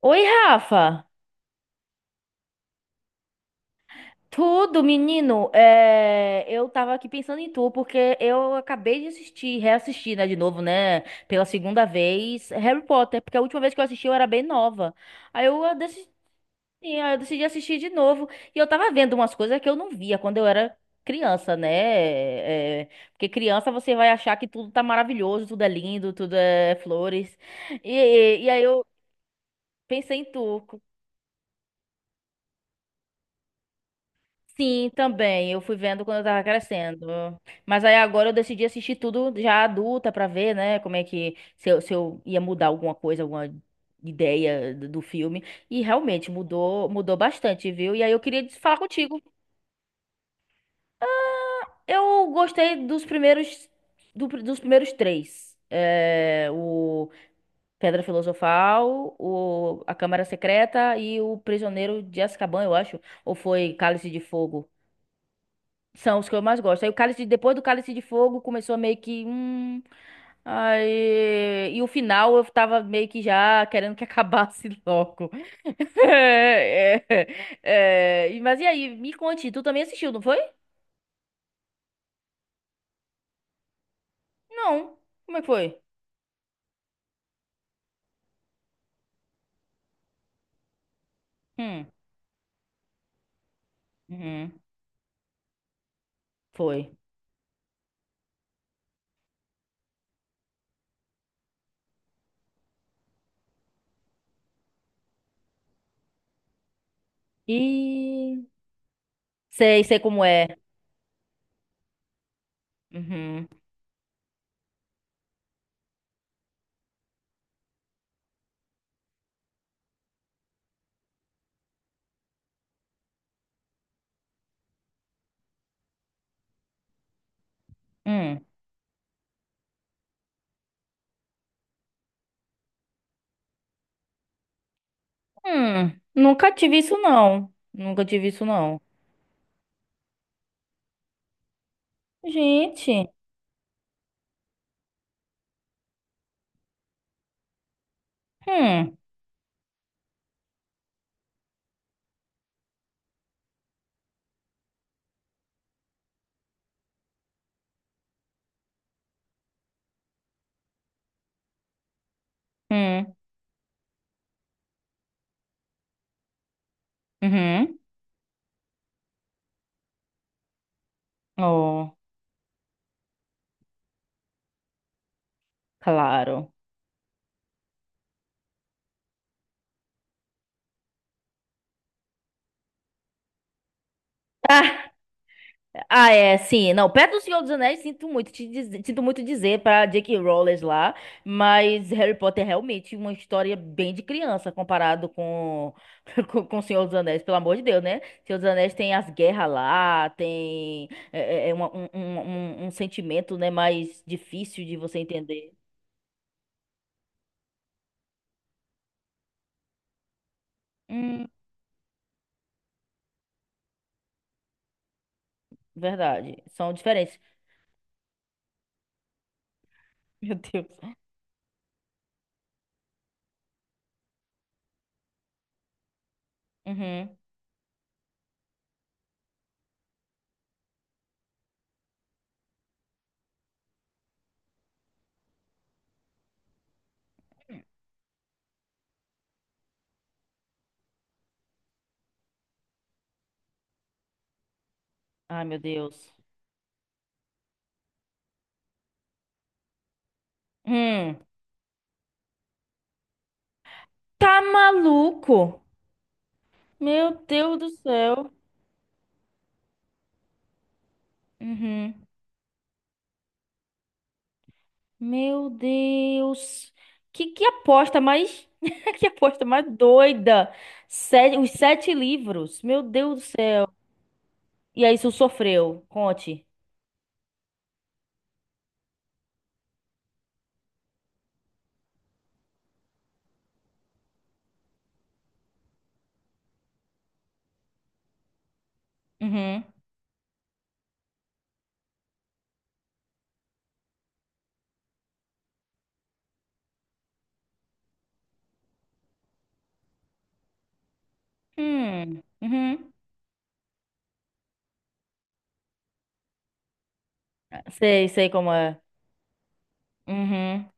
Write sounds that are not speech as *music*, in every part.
Oi, Rafa! Tudo, menino? Eu tava aqui pensando em tu, porque eu acabei de assistir, reassistir, né, de novo, né, pela segunda vez, Harry Potter, porque a última vez que eu assisti eu era bem nova. Decidi, aí eu decidi assistir de novo, e eu tava vendo umas coisas que eu não via quando eu era criança, né? É, porque criança você vai achar que tudo tá maravilhoso, tudo é lindo, tudo é flores. E aí eu pensei em tu. Sim, também. Eu fui vendo quando eu tava crescendo. Mas aí agora eu decidi assistir tudo já adulta pra ver, né, como é que se eu ia mudar alguma coisa, alguma ideia do filme. E realmente mudou, mudou bastante, viu? E aí eu queria falar contigo. Eu gostei dos primeiros do dos primeiros três. É, o Pedra Filosofal, a Câmara Secreta e o Prisioneiro de Azkaban, eu acho. Ou foi Cálice de Fogo? São os que eu mais gosto. Aí o Cálice, depois do Cálice de Fogo, começou a meio que. E o final eu tava meio que já querendo que acabasse *laughs* logo. *laughs* É, é, Mas e aí, me conte, tu também assistiu, não foi? Não. Como é que foi? Hum. Uhum. Foi. E. Sei, sei como é. Uhum. Hum. Hum. Nunca tive isso, não. Nunca tive isso, não. Gente. Hum. Hum. Uhum. Oh. Claro. Ah, ah, é, sim. Não, perto do Senhor dos Anéis, sinto muito, te dizer, sinto muito dizer pra J.K. Rowling lá, mas Harry Potter é realmente uma história bem de criança comparado *laughs* com Senhor dos Anéis, pelo amor de Deus, né? Senhor dos Anéis tem as guerras lá, tem um sentimento, né, mais difícil de você entender. Hum, verdade. São diferentes. *laughs* Meu Deus. Uhum. Ai, meu Deus. Hum. Tá maluco? Meu Deus do céu. Uhum. Meu Deus. Que aposta mais. *laughs* Que aposta mais doida. Sete, os sete livros. Meu Deus do céu. E aí, isso sofreu. Conte. Uhum. Hum. Uhum. Sei, sei como é. Uhum.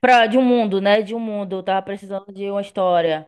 Pra, de um mundo, né? De um mundo. Eu tava precisando de uma história.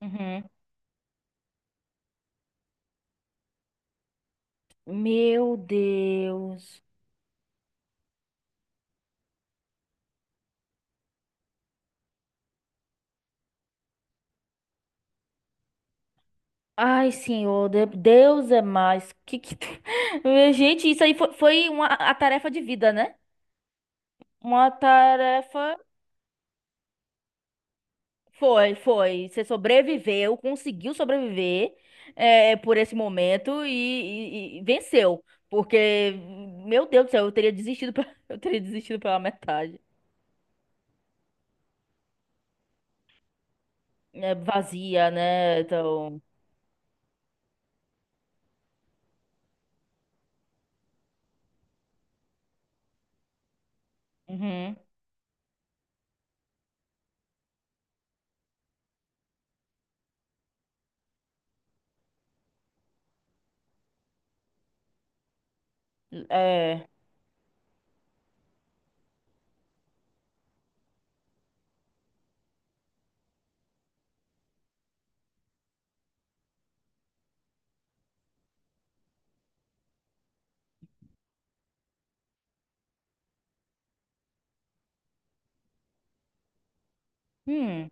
Uhum. Meu Deus. Ai, senhor, Deus é mais. *laughs* Gente, isso aí foi, foi uma, a tarefa de vida, né? Uma tarefa. Foi, foi. Você sobreviveu, conseguiu sobreviver por esse momento e venceu. Porque, meu Deus do céu, eu teria desistido, *laughs* eu teria desistido pela metade. É vazia, né? Então. Uhum. É. Hum.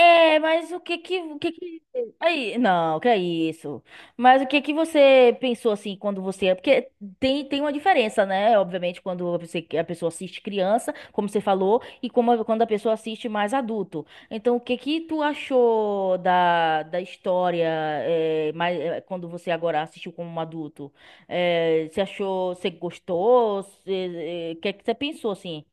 O que que... Aí, não, que é isso. Mas o que que você pensou assim quando você... Porque tem, tem uma diferença, né? Obviamente, quando você, a pessoa assiste criança, como você falou, e quando a pessoa assiste mais adulto. Então, o que que tu achou da, da história, quando você agora assistiu como um adulto? É, você achou, você gostou? O que é que você pensou, assim?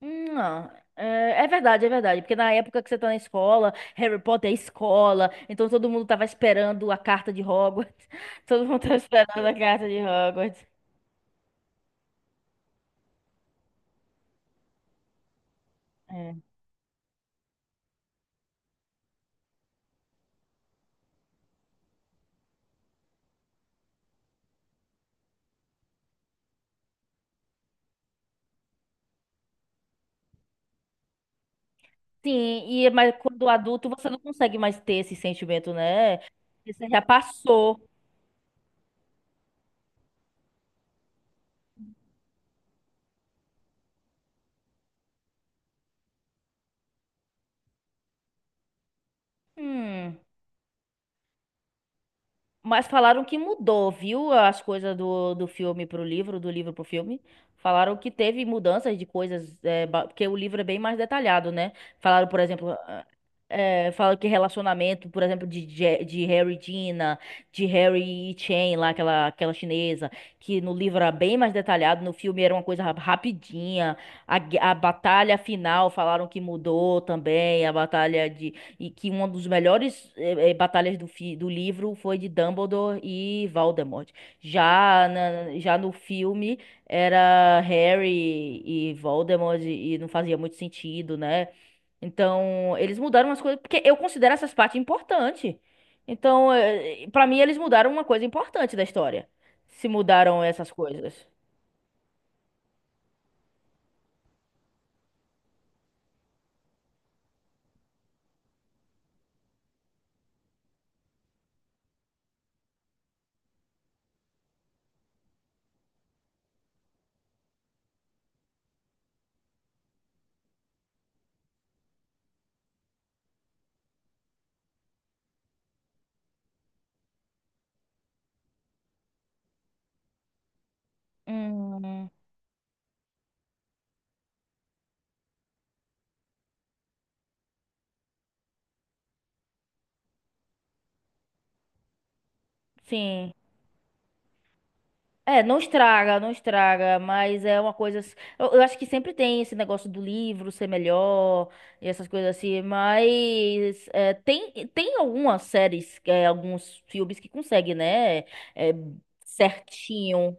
Não, é, é verdade, é verdade. Porque na época que você tá na escola, Harry Potter é escola, então todo mundo tava esperando a carta de Hogwarts. *laughs* Todo mundo tava esperando a carta de Hogwarts. É. Sim, e mas quando adulto você não consegue mais ter esse sentimento, né? Porque você já passou. Hum. Mas falaram que mudou, viu? As coisas do filme pro livro, do livro pro filme. Falaram que teve mudanças de coisas, porque o livro é bem mais detalhado, né? Falaram, por exemplo, falaram que relacionamento, por exemplo, de Harry e Gina, de Harry e Chen, lá, aquela chinesa, que no livro era bem mais detalhado, no filme era uma coisa rapidinha. A batalha final falaram que mudou também, a batalha e que uma dos melhores batalhas do livro foi de Dumbledore e Voldemort. Já no filme era Harry e Voldemort e não fazia muito sentido, né? Então, eles mudaram as coisas, porque eu considero essas partes importantes. Então, pra mim, eles mudaram uma coisa importante da história. Se mudaram essas coisas. Hum, sim. É, não estraga, não estraga, mas é uma coisa. Eu acho que sempre tem esse negócio do livro ser melhor e essas coisas assim, mas é, tem, tem algumas séries, alguns filmes que conseguem, né? é, Certinho.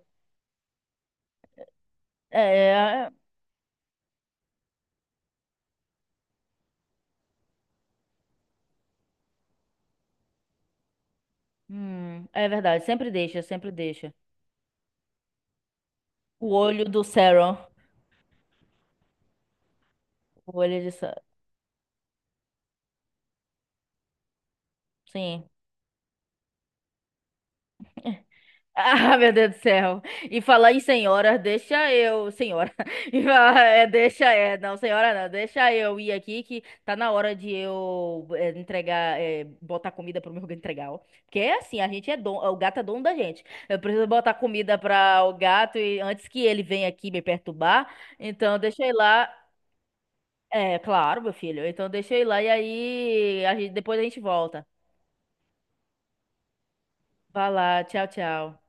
É, é, é verdade, sempre deixa, sempre deixa. O olho do Sauron. O olho de Sauron. Sim. Ah, meu Deus do céu. E falar em senhora, deixa eu, senhora. *laughs* E falar, é, deixa, é, não, senhora não, deixa eu ir aqui que tá na hora de eu botar comida pro meu entregar, ó. Porque é assim, a gente é dono, o gato é dono da gente. Eu preciso botar comida para o gato e antes que ele venha aqui me perturbar. Então, deixa eu ir lá. É, claro, meu filho. Então, deixa eu ir lá e depois a gente volta. Vai lá, tchau, tchau.